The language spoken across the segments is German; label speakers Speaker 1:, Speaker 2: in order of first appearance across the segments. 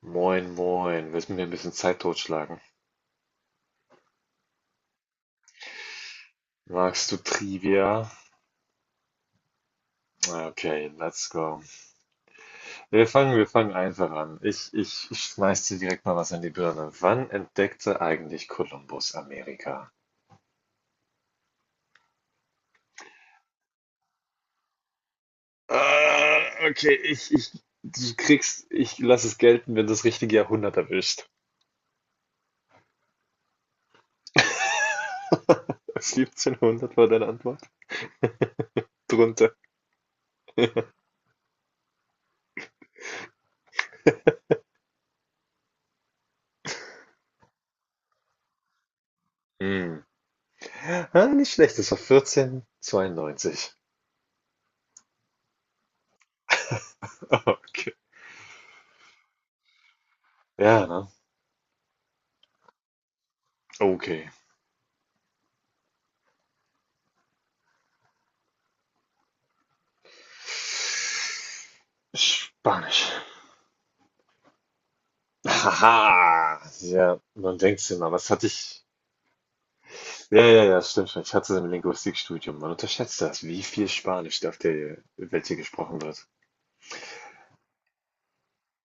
Speaker 1: Moin, moin. Willst mit mir ein bisschen Zeit totschlagen? Magst du Trivia? Ah, okay, let's go. Wir fangen einfach an. Ich schmeiß dir direkt mal was in die Birne. Wann entdeckte eigentlich Kolumbus Amerika? Ah, okay, du kriegst, ich lass es gelten, wenn du das richtige Jahrhundert erwischt. 1700 war deine Antwort? Drunter. Hm. Ah, nicht schlecht, das war 1492. Okay. Ja, ne? Okay. Spanisch. Haha, ja, man denkt sich immer, was hatte ich? Ja, ja, ja, stimmt schon. Ich hatte es im Linguistikstudium. Man unterschätzt das, wie viel Spanisch auf der Welt hier gesprochen wird.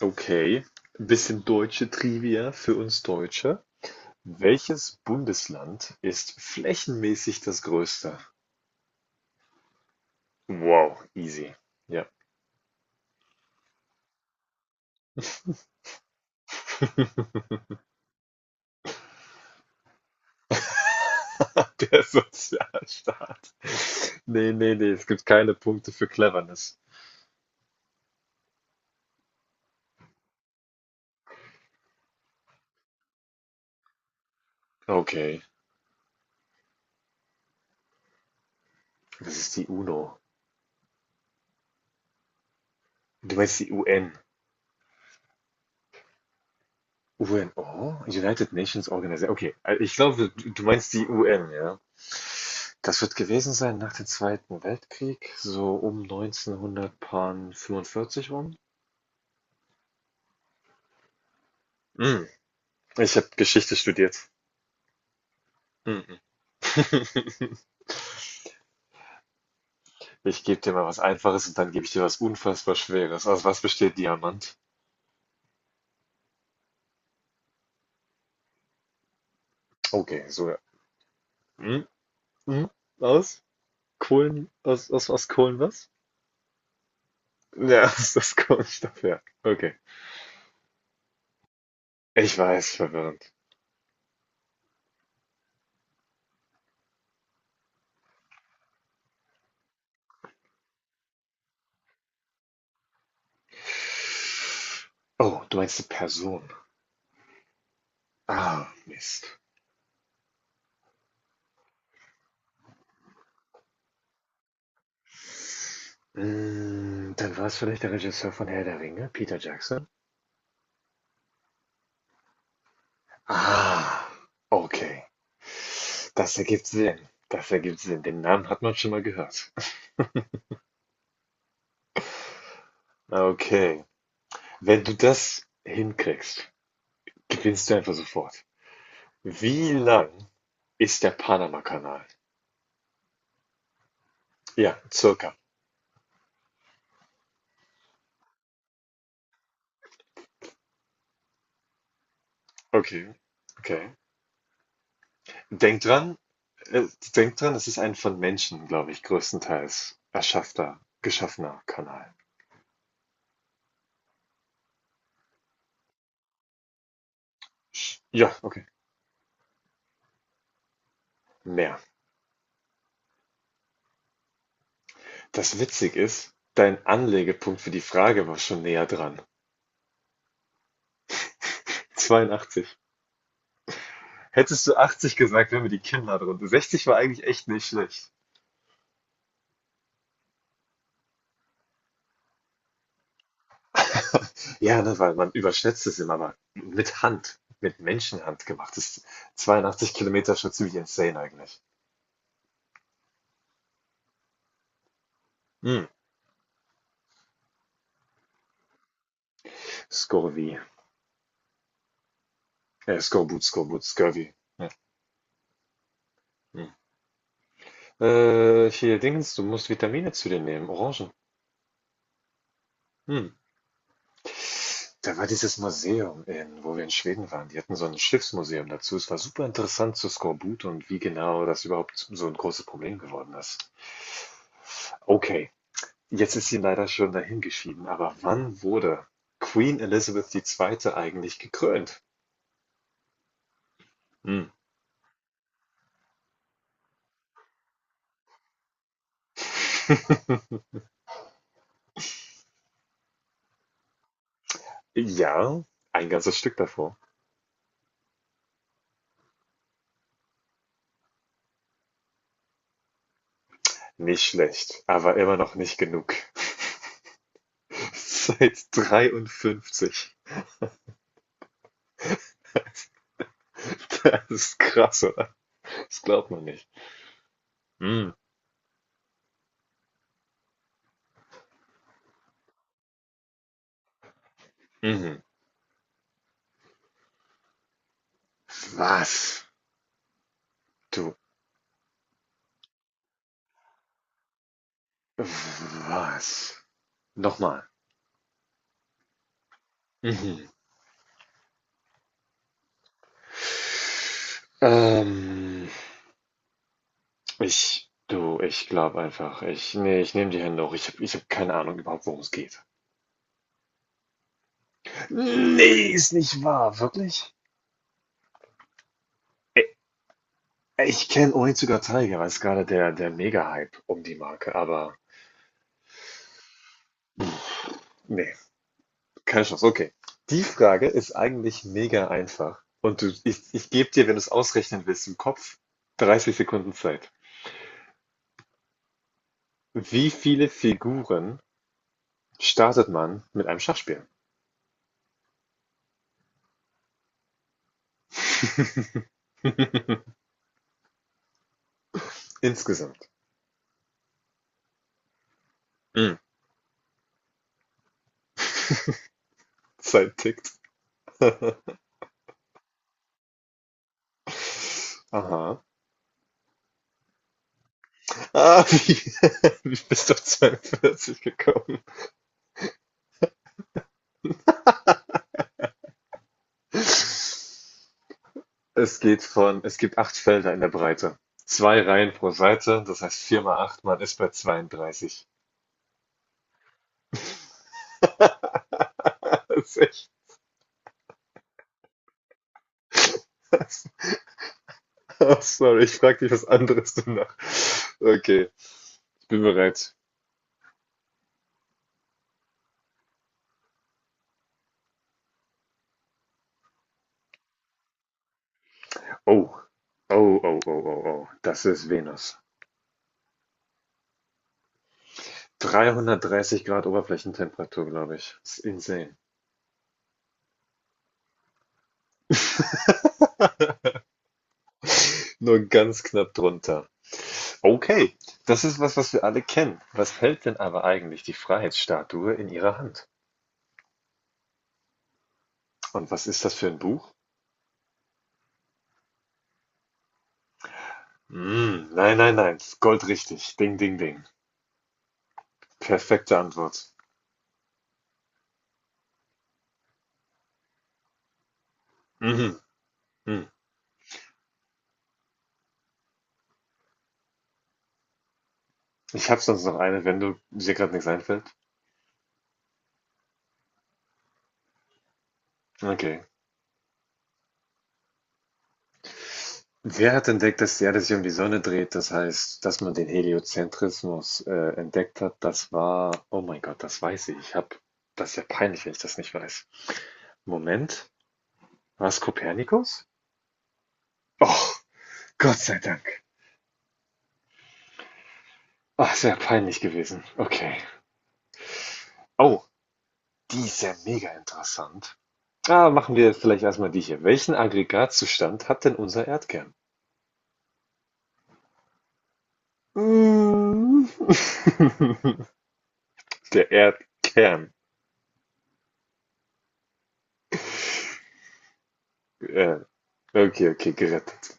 Speaker 1: Okay, ein bisschen deutsche Trivia für uns Deutsche. Welches Bundesland ist flächenmäßig das größte? Wow, easy. Ja, der Sozialstaat. Nee, nee, nee, es gibt keine Punkte für Cleverness. Okay, das ist die UNO. Du meinst die UN. UNO? United Nations Organization. Okay, ich glaube, du meinst die UN, ja. Das wird gewesen sein nach dem Zweiten Weltkrieg, so um 1945 rum. Hm, Ich habe Geschichte studiert. Hm, hm. Ich gebe dir mal was Einfaches und dann gebe ich dir was unfassbar Schweres. Aus was besteht Diamant? Okay, so ja. Hm, hm, Aus Kohlen, aus Kohlen was? Ja, aus Kohlenstoff, ja. Okay. Ich weiß, verwirrend. Oh, du meinst die Person. Ah, Mist. Dann war es vielleicht der Regisseur von Herr der Ringe, Peter Jackson? Ah, okay. Das ergibt Sinn. Das ergibt Sinn. Den Namen hat man schon mal gehört. Okay. Wenn du das hinkriegst, gewinnst du einfach sofort. Wie lang ist der Panama Kanal? Ja, circa. Okay. Okay. Denk dran, Äh, denk dran, es ist ein von Menschen, glaube ich, größtenteils erschaffter, geschaffener Kanal. Ja, okay. Mehr. Das witzig ist, dein Anlegepunkt für die Frage war schon näher dran. 82. Hättest du 80 gesagt, wären wir die Kinder drunter. 60 war eigentlich echt nicht schlecht. Ja, ne, weil man überschätzt es immer, aber mit Hand, mit Menschenhand gemacht ist 82 Kilometer schon ziemlich insane eigentlich. Hm. Scurvy. Skorbut, Skorbut, Scurvy. Ja. Hm. Hier, Dingens, du musst Vitamine zu dir nehmen, Orangen. Hm. Da war dieses Museum, in, wo wir in Schweden waren. Die hatten so ein Schiffsmuseum dazu. Es war super interessant zu Skorbut und wie genau das überhaupt so ein großes Problem geworden ist. Okay, jetzt ist sie leider schon dahingeschieden, aber wann wurde Queen Elizabeth II. Eigentlich gekrönt? Hm. Ja, ein ganzes Stück davor. Nicht schlecht, aber immer noch nicht genug. Seit 53. Das ist krass, oder? Das glaubt man nicht. Mhm. Mhm. Was? Du. Was? Nochmal. Mhm. Ähm, ich. Du, ich glaube einfach, nee, ich nehme die Hände hoch. Ich hab keine Ahnung überhaupt, worum es geht. Nee, ist nicht wahr, wirklich? Ich kenne Onitsuka Tiger, weil es gerade der Mega-Hype um die Marke, aber nee. Keine Chance, okay. Die Frage ist eigentlich mega einfach. Und du, ich gebe dir, wenn du es ausrechnen willst, im Kopf 30 Sekunden Zeit. Wie viele Figuren startet man mit einem Schachspiel? Insgesamt. Hm. Zeit tickt. Aha. Ah, wie, wie bist du auf 42 gekommen? Es geht von, es gibt acht Felder in der Breite. Zwei Reihen pro Seite, das heißt 4 mal 8. Man ist bei 32. Das ist echt. Sorry, ich frage dich was anderes danach. Okay, ich bin bereit. Oh, oh, oh, oh, oh, oh. Das ist Venus. 330 Grad Oberflächentemperatur, glaube ich. Das ist insane. Nur ganz knapp drunter. Okay, das ist was, was wir alle kennen. Was hält denn aber eigentlich die Freiheitsstatue in ihrer Hand? Und was ist das für ein Buch? Mm, nein, nein, nein. Das ist goldrichtig. Ding, ding, ding. Perfekte Antwort. Mhm. Mhm. Ich habe sonst noch eine, wenn du dir gerade nichts einfällt. Okay. Wer hat entdeckt, dass die Erde sich um die Sonne dreht? Das heißt, dass man den Heliozentrismus entdeckt hat. Das war, oh mein Gott, das weiß ich. Ich habe, das ist ja peinlich, wenn ich das nicht weiß. Moment, war es Kopernikus? Oh, Gott sei Dank. Ach, sehr peinlich gewesen. Okay. Oh, die ist ja mega interessant. Ah, machen wir vielleicht erstmal die hier. Welchen Aggregatzustand hat denn unser Erdkern? Mm. Der Erdkern. Äh, okay, okay, gerettet.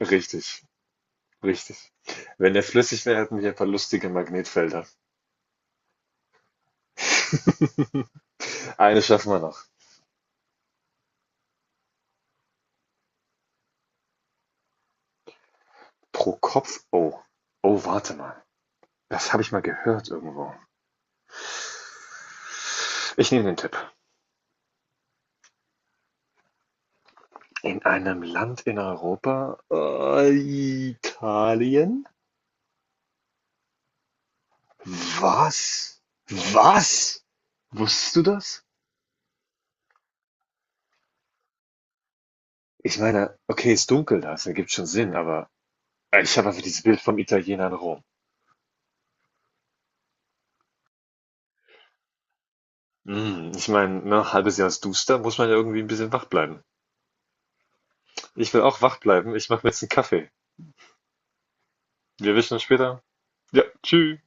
Speaker 1: Richtig, richtig. Wenn der flüssig wäre, hätten wir ein paar lustige Magnetfelder. Eine schaffen wir noch. Pro Kopf. Oh. Oh, warte mal. Das habe ich mal gehört irgendwo. Ich nehme den Tipp. In einem Land in Europa? Italien? Was? Was? Wusstest du das? Ich meine, okay, ist dunkel da, das ergibt schon Sinn, aber ich habe einfach dieses Bild vom Italiener in Rom. Hm, ich meine, ne, halbes Jahr ist duster, muss man ja irgendwie ein bisschen wach bleiben. Ich will auch wach bleiben. Ich mache mir jetzt einen Kaffee. Wir erwischen uns später. Ja, tschü